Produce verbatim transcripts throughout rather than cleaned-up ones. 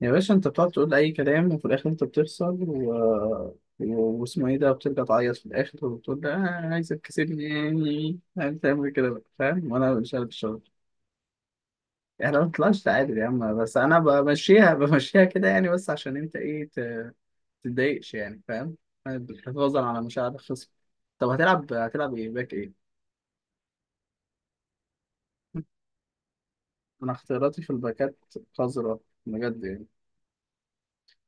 يا باشا انت بتقعد تقول اي كلام وفي الاخر انت بتخسر و... و- واسمه ايه ده بترجع تعيط في الاخر وبتقول ده آه عايزك تسيبني عايز تعمل كده بقى فاهم وانا مش عارف الشغل. احنا ما طلعش تعادل يا عم، بس انا بمشيها بمشيها كده يعني، بس عشان انت ايه ت- تتضايقش يعني فاهم. حفاظا على مشاعر الخصم. طب هتلعب هتلعب ايه، باك ايه؟ انا اختياراتي في الباكات قذرة، بجد يعني.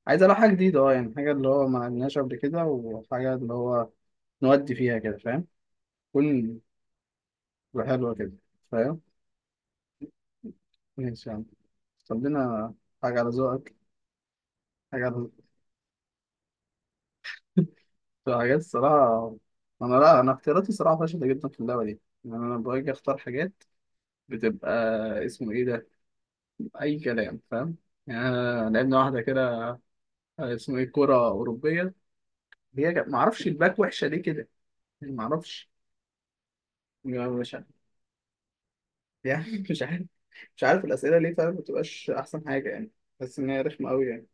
عايز العب حاجه جديده اه، يعني حاجه اللي هو ما عملناش قبل كده، وحاجه اللي هو نودي فيها كده فاهم. كل. حلوة كده. فاهم. ماشي يا عم. طب لنا. حاجة على ذوقك. حاجة على ذوقك. حاجات، الصراحة أنا لا، أنا اختياراتي صراحة فاشلة جدا في اللعبة دي. يعني أنا باجي أختار حاجات بتبقى اسمه إيه ده، أي كلام فاهم. يعني أنا لعبنا واحدة كده اسمه إيه، كرة أوروبية. هي جا- معرفش الباك وحشة ليه كده، يعني معرفش، يعني مش عارف. يعني مش عارف مش عارف الأسئلة ليه فاهم، متبقاش أحسن حاجة يعني، بس إن هي رخمة أوي يعني.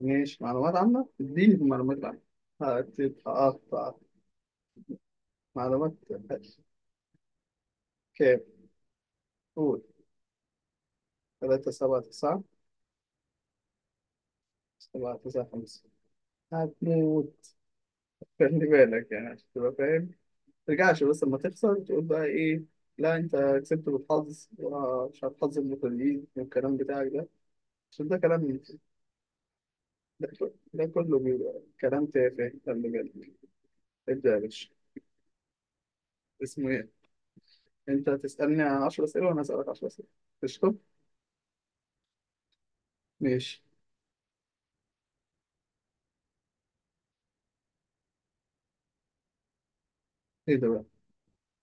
ماشي معلومات عامة، اديني في معلومات عامة هتتقطع. معلومات. كام؟ قول. تلاتة سبعة تسعة. سبعة تسعة خمسة. هتموت. خلي بالك يعني عشان تبقى فاهم، مترجعش بس لما تخسر تقول بقى ايه: لا انت كسبت بالحظ، ومش عارف حظ المتدربين والكلام بتاعك ده، عشان ده كلام. ده, كله- ده كله بيبقى كلام تافه، خلي بالك. ابدأ يا باشا، اسمه ايه؟ انت هتسألني عشر أسئلة وانا هسألك عشر أسئلة، قشطة؟ ماشي. ايه ده بقى؟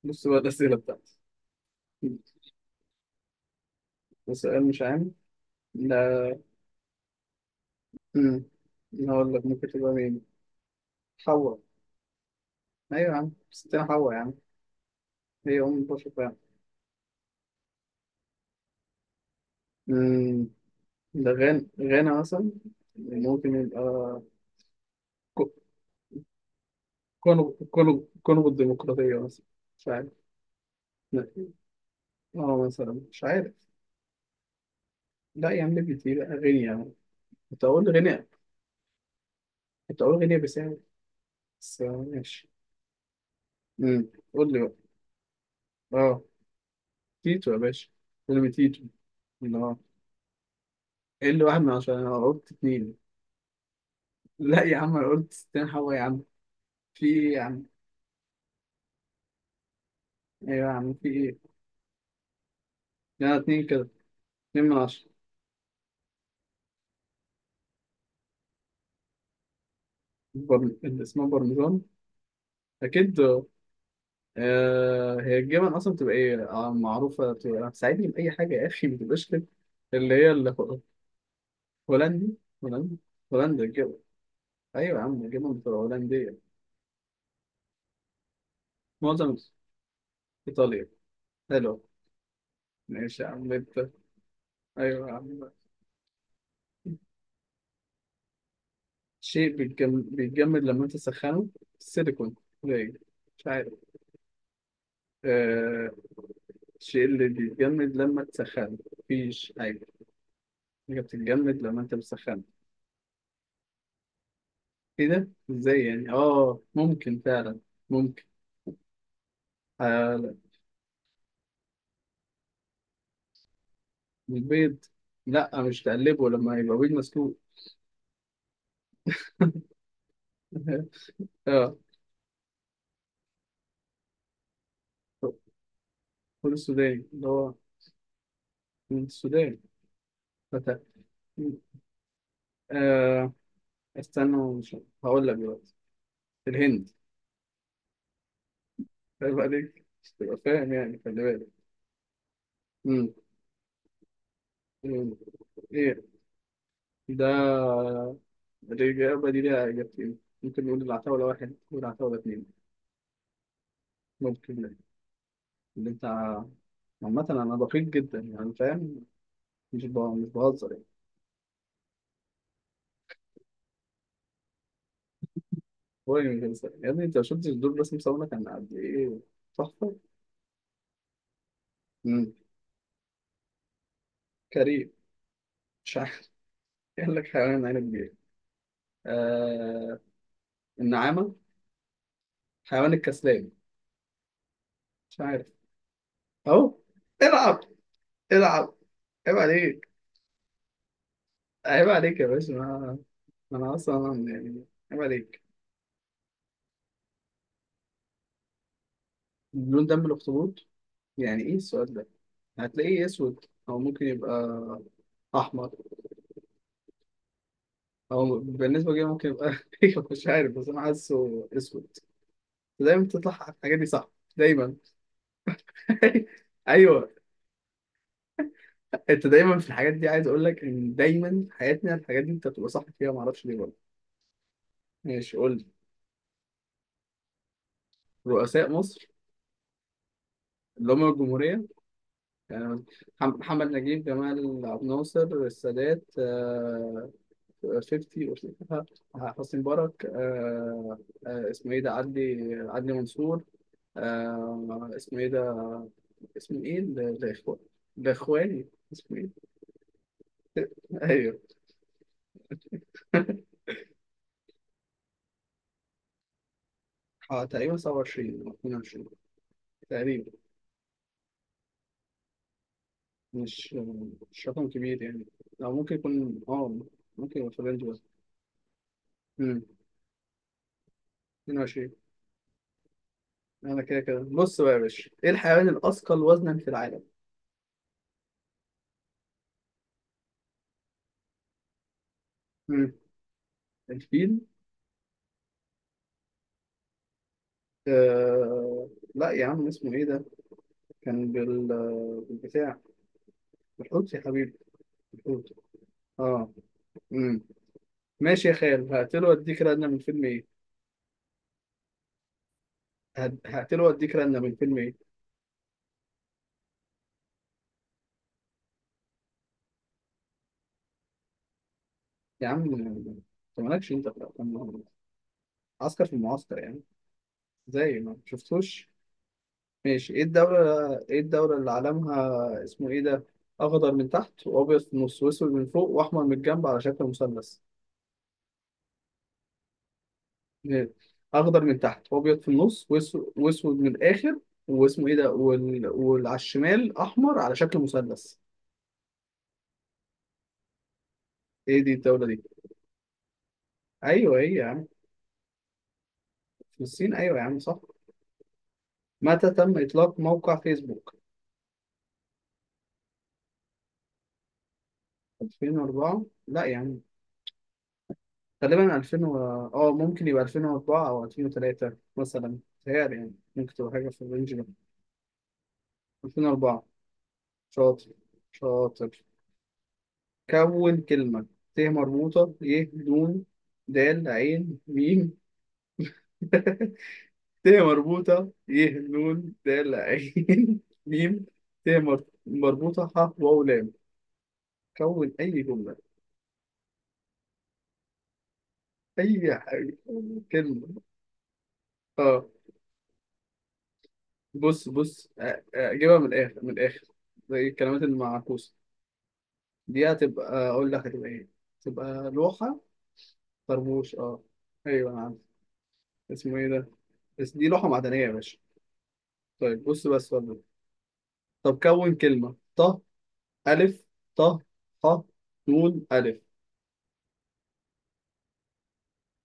بص بقى الأسئلة بتاعتي. سؤال مش عام، لا. مم. أنا هقول لك ممكن تبقى مين، حواء. أيوة يا عم، ستنا حواء يا عم، هي أم البشر فعلا. مم. ده غانا غانا مثلا، ممكن يبقى كو- كونغو كونغو كونغو الديمقراطية مثلا، مش عارف. لا. اه مثلا مش عارف. لا يا عم، ليبيا دي بقى غينيا يعني. كنت أقول غينيا. كنت أقول غينيا بيساو، بس آه، ماشي. مم. قول لي بقى. اه، تيتو يا باشا، فيلم تيتو. لا، ايه اللي واحد من عشرة، انا قلت اتنين. لا يا عم انا قلت ستين حوا يا عم، في ايه يا عم؟ ايوه يا عم، في ايه؟ لا، اتنين كده، اتنين من عشرة. برن... اللي اسمها برمجان، اكيد. آه... هي الجبن اصلا بتبقى ايه، آه معروفة، بتبقى ساعدني بأي حاجة يا اخي، ما تبقاش كده. اللي هي اللي هو- هولندي هولندي هولندا الجبن. ايوه يا عم، الجبن بتبقى هولندية. معظم. ايطاليا. حلو. ماشي يا عم، انت. ايوه يا عم. شيء بيتجم- بيتجمد لما انت تسخنه، السيليكون. قليل. مش عارف. آه الشيء اللي بيتجمد لما تسخنه مفيش حاجة، حاجة بتتجمد لما انت بتسخنه. ايه ده؟ ازاي يعني؟ اه ممكن فعلا، ممكن. آه لا. البيض، لا مش تقلبه لما يبقى بيض مسلوق. اه. فول السوداني اللي هو من السودان. فت- آه استنى مش، هقول لك دلوقتي، الهند. عيب عليك، مش تبقى فاهم يعني، خلي بالك. مم. ايه ده؟ الإجابة دي ليها إجابتين، ممكن نقول العتاولة واحد والعتاولة اتنين. ممكن. لا. اللي أنت، عامة أنا دقيق جدا يعني فاهم، مش ب- مش بهزر يعني. هو اللي مش بهزر يا ابني، أنت ما شفتش دول، رسم صورنا كان قد إيه، تحفة. مم. كريم. مش عارف. قال لك حيوان عينه كبيرة. آه... النعامة، حيوان الكسلان، مش عارف. أهو. العب. العب. عيب عليك. عيب عليك يا باشا. ما ما أنا أصلا يعني، عيب عليك. لون دم الأخطبوط؟ يعني إيه السؤال ده؟ هتلاقيه إيه، أسود، أو ممكن يبقى أحمر. أو بالنسبة لي ممكن يبقى، مش عارف، بس أنا حاسه أسود. دايما تطلع الحاجات دي صح، دايما. أيوه. أنت دايما في الحاجات دي، عايز أقول لك إن دايما في حياتنا الحاجات دي أنت بتبقى صح فيها، معرفش ليه برضه. ماشي، قول لي. رؤساء مصر اللي هم الجمهورية، آه، محمد نجيب، جمال عبد الناصر، السادات، آه، خمسين وشريكها، حسني مبارك، آه، آه، اسمه ايه ده، عدلي عدلي منصور، آه، اسمه ايه ده، اسمه ايه الاخوان، الاخواني اسمه ايه. ايوه. اه تقريبا سبعة وعشرين او اتنين وعشرين، تقريبا. مش مش رقم كبير يعني، او ممكن يكون اه ممكن يبقى في الرينج ده. امم اتنين وعشرين. انا كده كده. بص بقى يا باشا، ايه الحيوان الاثقل وزنا في العالم؟ امم الفيل. آه... لا يا عم، اسمه ايه ده؟ كان بال... بالبتاع بالحوت يا حبيبي، بالحوت. اه امم ماشي يا خال، هقتله واديك رنه من فيلم ايه. هد- هقتله واديك رنه من فيلم ايه. يا عم انت مالكش انت في الأفلام، عسكر في المعسكر يعني، زي ما شفتوش. ماشي، ايه الدولة، ايه الدولة اللي علمها اسمه ايه ده، اخضر من تحت وابيض في النص واسود من فوق واحمر من الجنب على شكل مثلث. إيه؟ اخضر من تحت وابيض في النص واسو- واسود من الاخر واسمه ايه ده وال... وعلى الشمال احمر على شكل مثلث، ايه دي الدوله دي؟ ايوه هي يا عم، في الصين. ايوه يا عم، صح. متى تم اطلاق موقع فيسبوك؟ ألفين وأربعة. لا يا عم، غالبا ألفين و... اه ممكن يبقى ألفين وأربعة او ألفين وتلاتة مثلا، تهيألي يعني ممكن تبقى حاجه في الرينج ده. ألفين وأربعة. شاطر شاطر. كون كلمه: ت مربوطه، ي، دون، د، عين، ميم. ت مربوطة، ي، نون، د، ل، عين. ميم، ت مر- مربوطة، ح، واو، لام. كون أي جملة. أي حاجة، أي كلمة. اه. بص بص آه، آه، أجيبها من الآخر، من الآخر، زي الكلمات المعكوسة دي. هتبقى أقول لك هتبقى إيه، تبقى لوحة. طربوش اه، أيوه أنا عارف، اسمه إيه ده، بس دي لوحة معدنية يا باشا. طيب بص بس برضه. طب كون كلمة: ط، ألف، ط، ح، نون، ألف،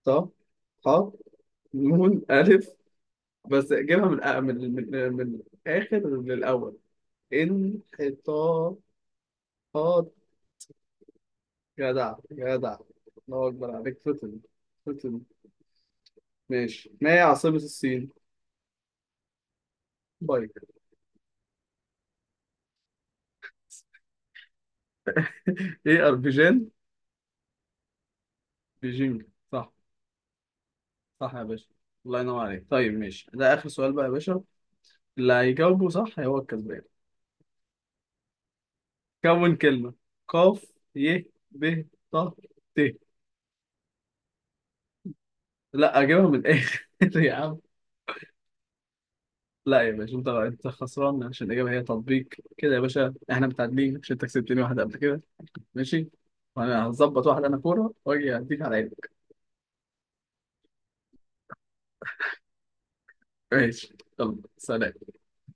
ص، ح، نون، ألف. بس جيبها من أ- من من من الآخر للأول، انحطاطات. جدع جدع. الله أكبر عليك، فتن فتن. ماشي، ما هي عاصمة الصين؟ بايك. إيه أربيجان؟ بيجينج، صح. صح يا باشا، الله ينور عليك. طيب ماشي، ده آخر سؤال بقى يا باشا، اللي هيجاوبه صح هو الكسبان. كون كلمة: قاف، ي، ب، ط، ت. لا أجيبها من الآخر، يا عم. لا يا باشا، انت انت خسران، عشان الاجابه هي تطبيق. كده يا باشا احنا متعادلين، عشان انت كسبتني واحده قبل كده. ماشي، وانا هظبط واحده انا كوره واجي اديك على عينك. ماشي يلا سلام.